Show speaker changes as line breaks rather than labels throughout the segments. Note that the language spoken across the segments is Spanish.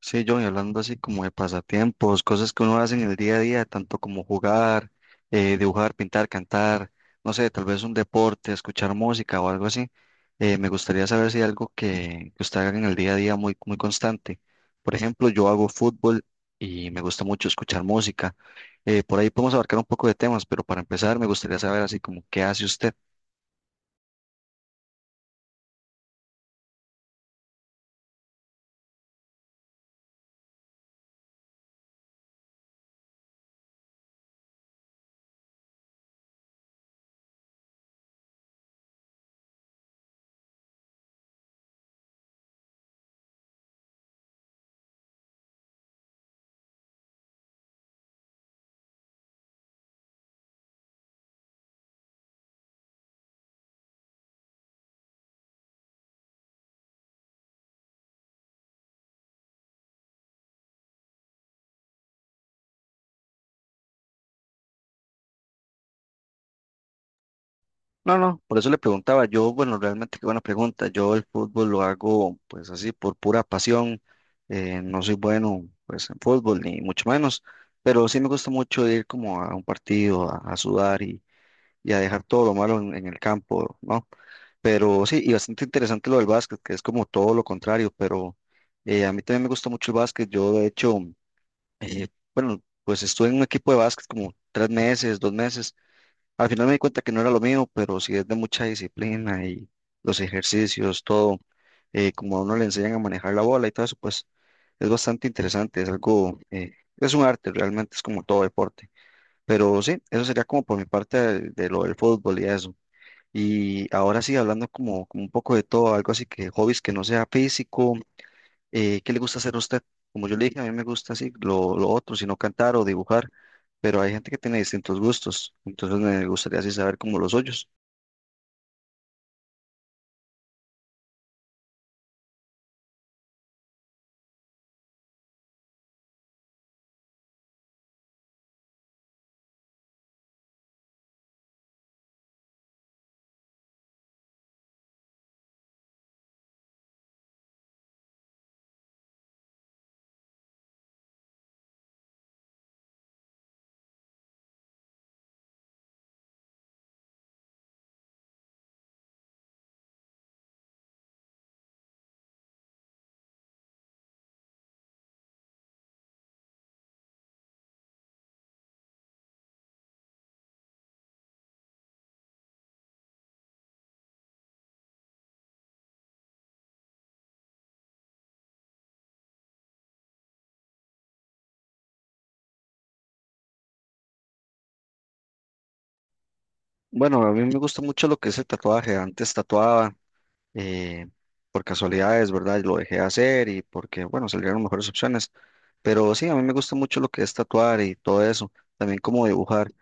Sí, John, hablando así como de pasatiempos, cosas que uno hace en el día a día, tanto como jugar, dibujar, pintar, cantar, no sé, tal vez un deporte, escuchar música o algo así. Me gustaría saber si hay algo que usted haga en el día a día muy, muy constante. Por ejemplo, yo hago fútbol y me gusta mucho escuchar música. Por ahí podemos abarcar un poco de temas, pero para empezar me gustaría saber así como qué hace usted. No, no, por eso le preguntaba. Yo, bueno, realmente qué buena pregunta. Yo el fútbol lo hago pues así por pura pasión. No soy bueno pues en fútbol ni mucho menos, pero sí me gusta mucho ir como a un partido a sudar y a dejar todo lo malo en el campo, ¿no? Pero sí, y bastante interesante lo del básquet, que es como todo lo contrario, pero a mí también me gusta mucho el básquet. Yo de hecho, eh, bueno, pues estuve en un equipo de básquet como 3 meses, 2 meses. Al final me di cuenta que no era lo mío, pero sí es de mucha disciplina y los ejercicios, todo, como a uno le enseñan a manejar la bola y todo eso, pues es bastante interesante, es algo, es un arte realmente, es como todo deporte. Pero sí, eso sería como por mi parte de lo del fútbol y eso. Y ahora sí, hablando como un poco de todo, algo así que hobbies que no sea físico, ¿qué le gusta hacer a usted? Como yo le dije, a mí me gusta así lo otro, sino cantar o dibujar, pero hay gente que tiene distintos gustos, entonces me gustaría así saber como los suyos. Bueno, a mí me gusta mucho lo que es el tatuaje, antes tatuaba eh, por casualidades, ¿verdad? Lo dejé de hacer y porque, bueno, salieron mejores opciones, pero sí, a mí me gusta mucho lo que es tatuar y todo eso, también como dibujar.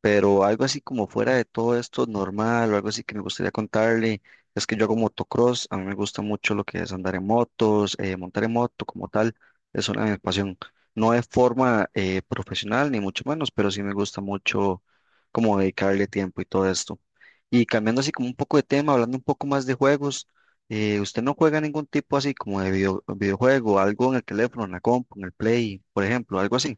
Pero algo así como fuera de todo esto normal, o algo así que me gustaría contarle, es que yo hago motocross, a mí me gusta mucho lo que es andar en motos, montar en moto como tal, es una de mis pasión. No de forma profesional, ni mucho menos, pero sí me gusta mucho como dedicarle tiempo y todo esto. Y cambiando así como un poco de tema, hablando un poco más de juegos, ¿usted no juega ningún tipo así como de videojuego, algo en el teléfono, en la compu, en el Play, por ejemplo, algo así?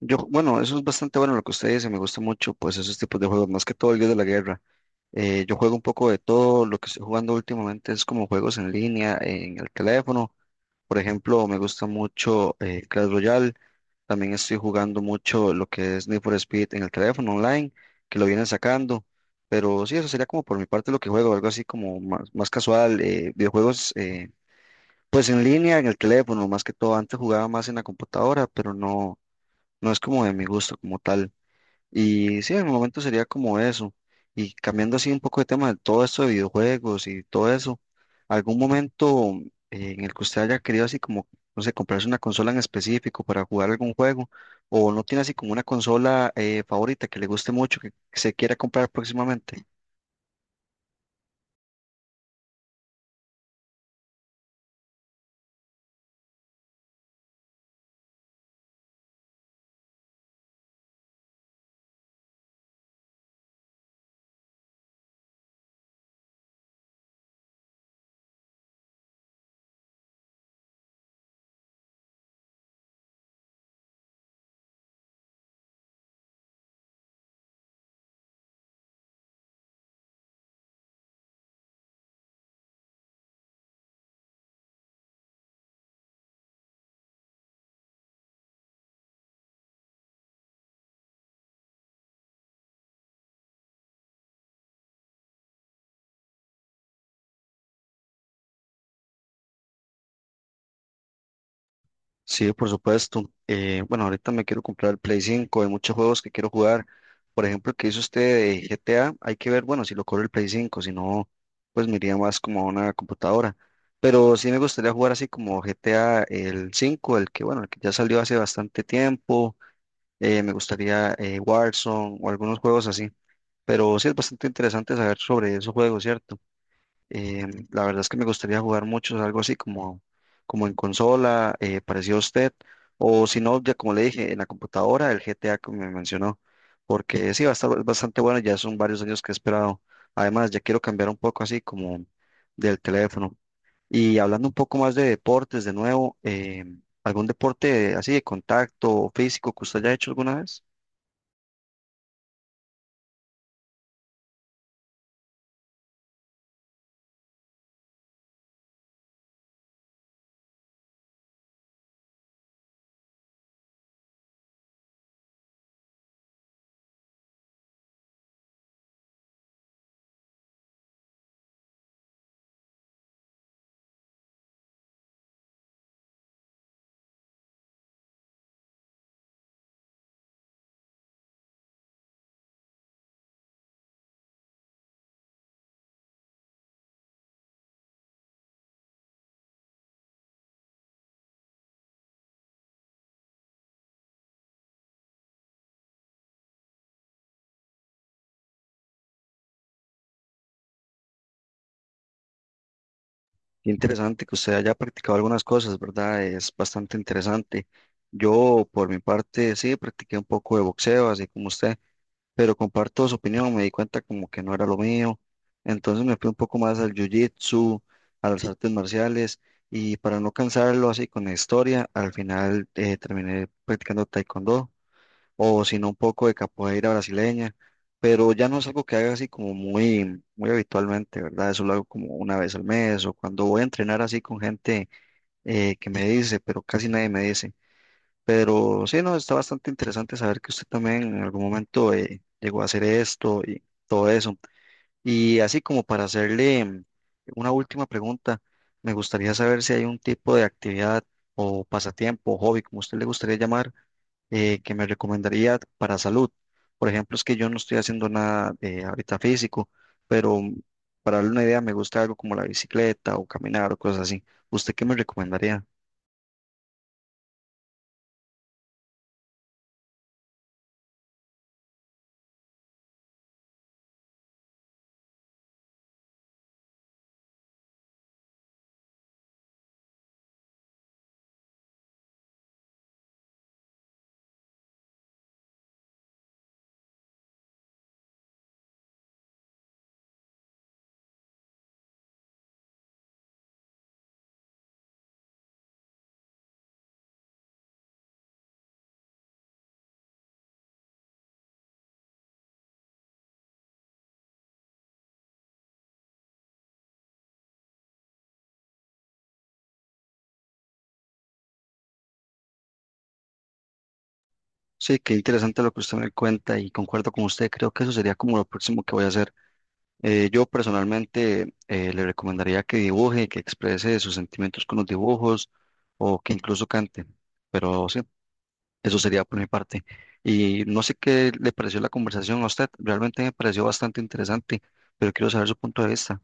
Yo, bueno, eso es bastante bueno lo que usted dice, me gusta mucho, pues esos tipos de juegos, más que todo el Dios de la Guerra. Yo juego un poco de todo, lo que estoy jugando últimamente es como juegos en línea, en el teléfono. Por ejemplo, me gusta mucho Clash Royale, también estoy jugando mucho lo que es Need for Speed en el teléfono online, que lo vienen sacando. Pero sí, eso sería como por mi parte lo que juego, algo así como más casual, videojuegos, pues en línea, en el teléfono, más que todo. Antes jugaba más en la computadora, pero no, no es como de mi gusto como tal. Y sí, en el momento sería como eso. Y cambiando así un poco de tema de todo esto de videojuegos y todo eso, ¿algún momento en el que usted haya querido así como, no sé, comprarse una consola en específico para jugar algún juego? ¿O no tiene así como una consola favorita que le guste mucho, que se quiera comprar próximamente? Sí, por supuesto. Bueno, ahorita me quiero comprar el Play 5, hay muchos juegos que quiero jugar. Por ejemplo, el que hizo usted de GTA, hay que ver, bueno, si lo corre el Play 5, si no, pues me iría más como a una computadora. Pero sí me gustaría jugar así como GTA el 5, el que, bueno, el que ya salió hace bastante tiempo. Me gustaría, Warzone o algunos juegos así. Pero sí es bastante interesante saber sobre esos juegos, ¿cierto? La verdad es que me gustaría jugar muchos, algo así como en consola, parecido a usted, o si no, ya como le dije, en la computadora, el GTA que me mencionó, porque sí, va a estar bastante bueno, ya son varios años que he esperado. Además, ya quiero cambiar un poco así como del teléfono. Y hablando un poco más de deportes, de nuevo, ¿algún deporte así de contacto físico que usted haya hecho alguna vez? Qué interesante que usted haya practicado algunas cosas, ¿verdad? Es bastante interesante. Yo, por mi parte, sí, practiqué un poco de boxeo, así como usted, pero comparto su opinión, me di cuenta como que no era lo mío. Entonces me fui un poco más al jiu-jitsu, a las artes marciales, y para no cansarlo así con la historia, al final terminé practicando taekwondo o si no un poco de capoeira brasileña, pero ya no es algo que haga así como muy, muy habitualmente, ¿verdad? Eso lo hago como una vez al mes o cuando voy a entrenar así con gente que me dice, pero casi nadie me dice. Pero sí, no, está bastante interesante saber que usted también en algún momento llegó a hacer esto y todo eso. Y así como para hacerle, una última pregunta, me gustaría saber si hay un tipo de actividad o pasatiempo, hobby, como usted le gustaría llamar, que me recomendaría para salud. Por ejemplo, es que yo no estoy haciendo nada, ahorita físico, pero para darle una idea, me gusta algo como la bicicleta o caminar o cosas así. ¿Usted qué me recomendaría? Sí, qué interesante lo que usted me cuenta y concuerdo con usted. Creo que eso sería como lo próximo que voy a hacer. Yo personalmente, le recomendaría que dibuje, que exprese sus sentimientos con los dibujos o que incluso cante. Pero sí. Eso sería por mi parte. Y no sé qué le pareció la conversación a usted. Realmente me pareció bastante interesante, pero quiero saber su punto de vista.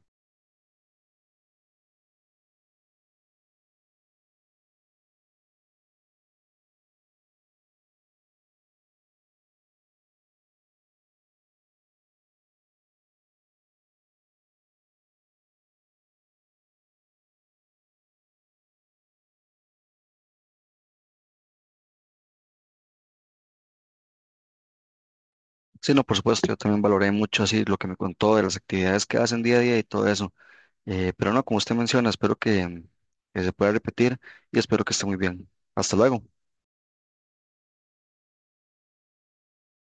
Sí, no, por supuesto, yo también valoré mucho así lo que me contó de las actividades que hacen día a día y todo eso. Pero no, como usted menciona, espero que, se pueda repetir y espero que esté muy bien. Hasta luego.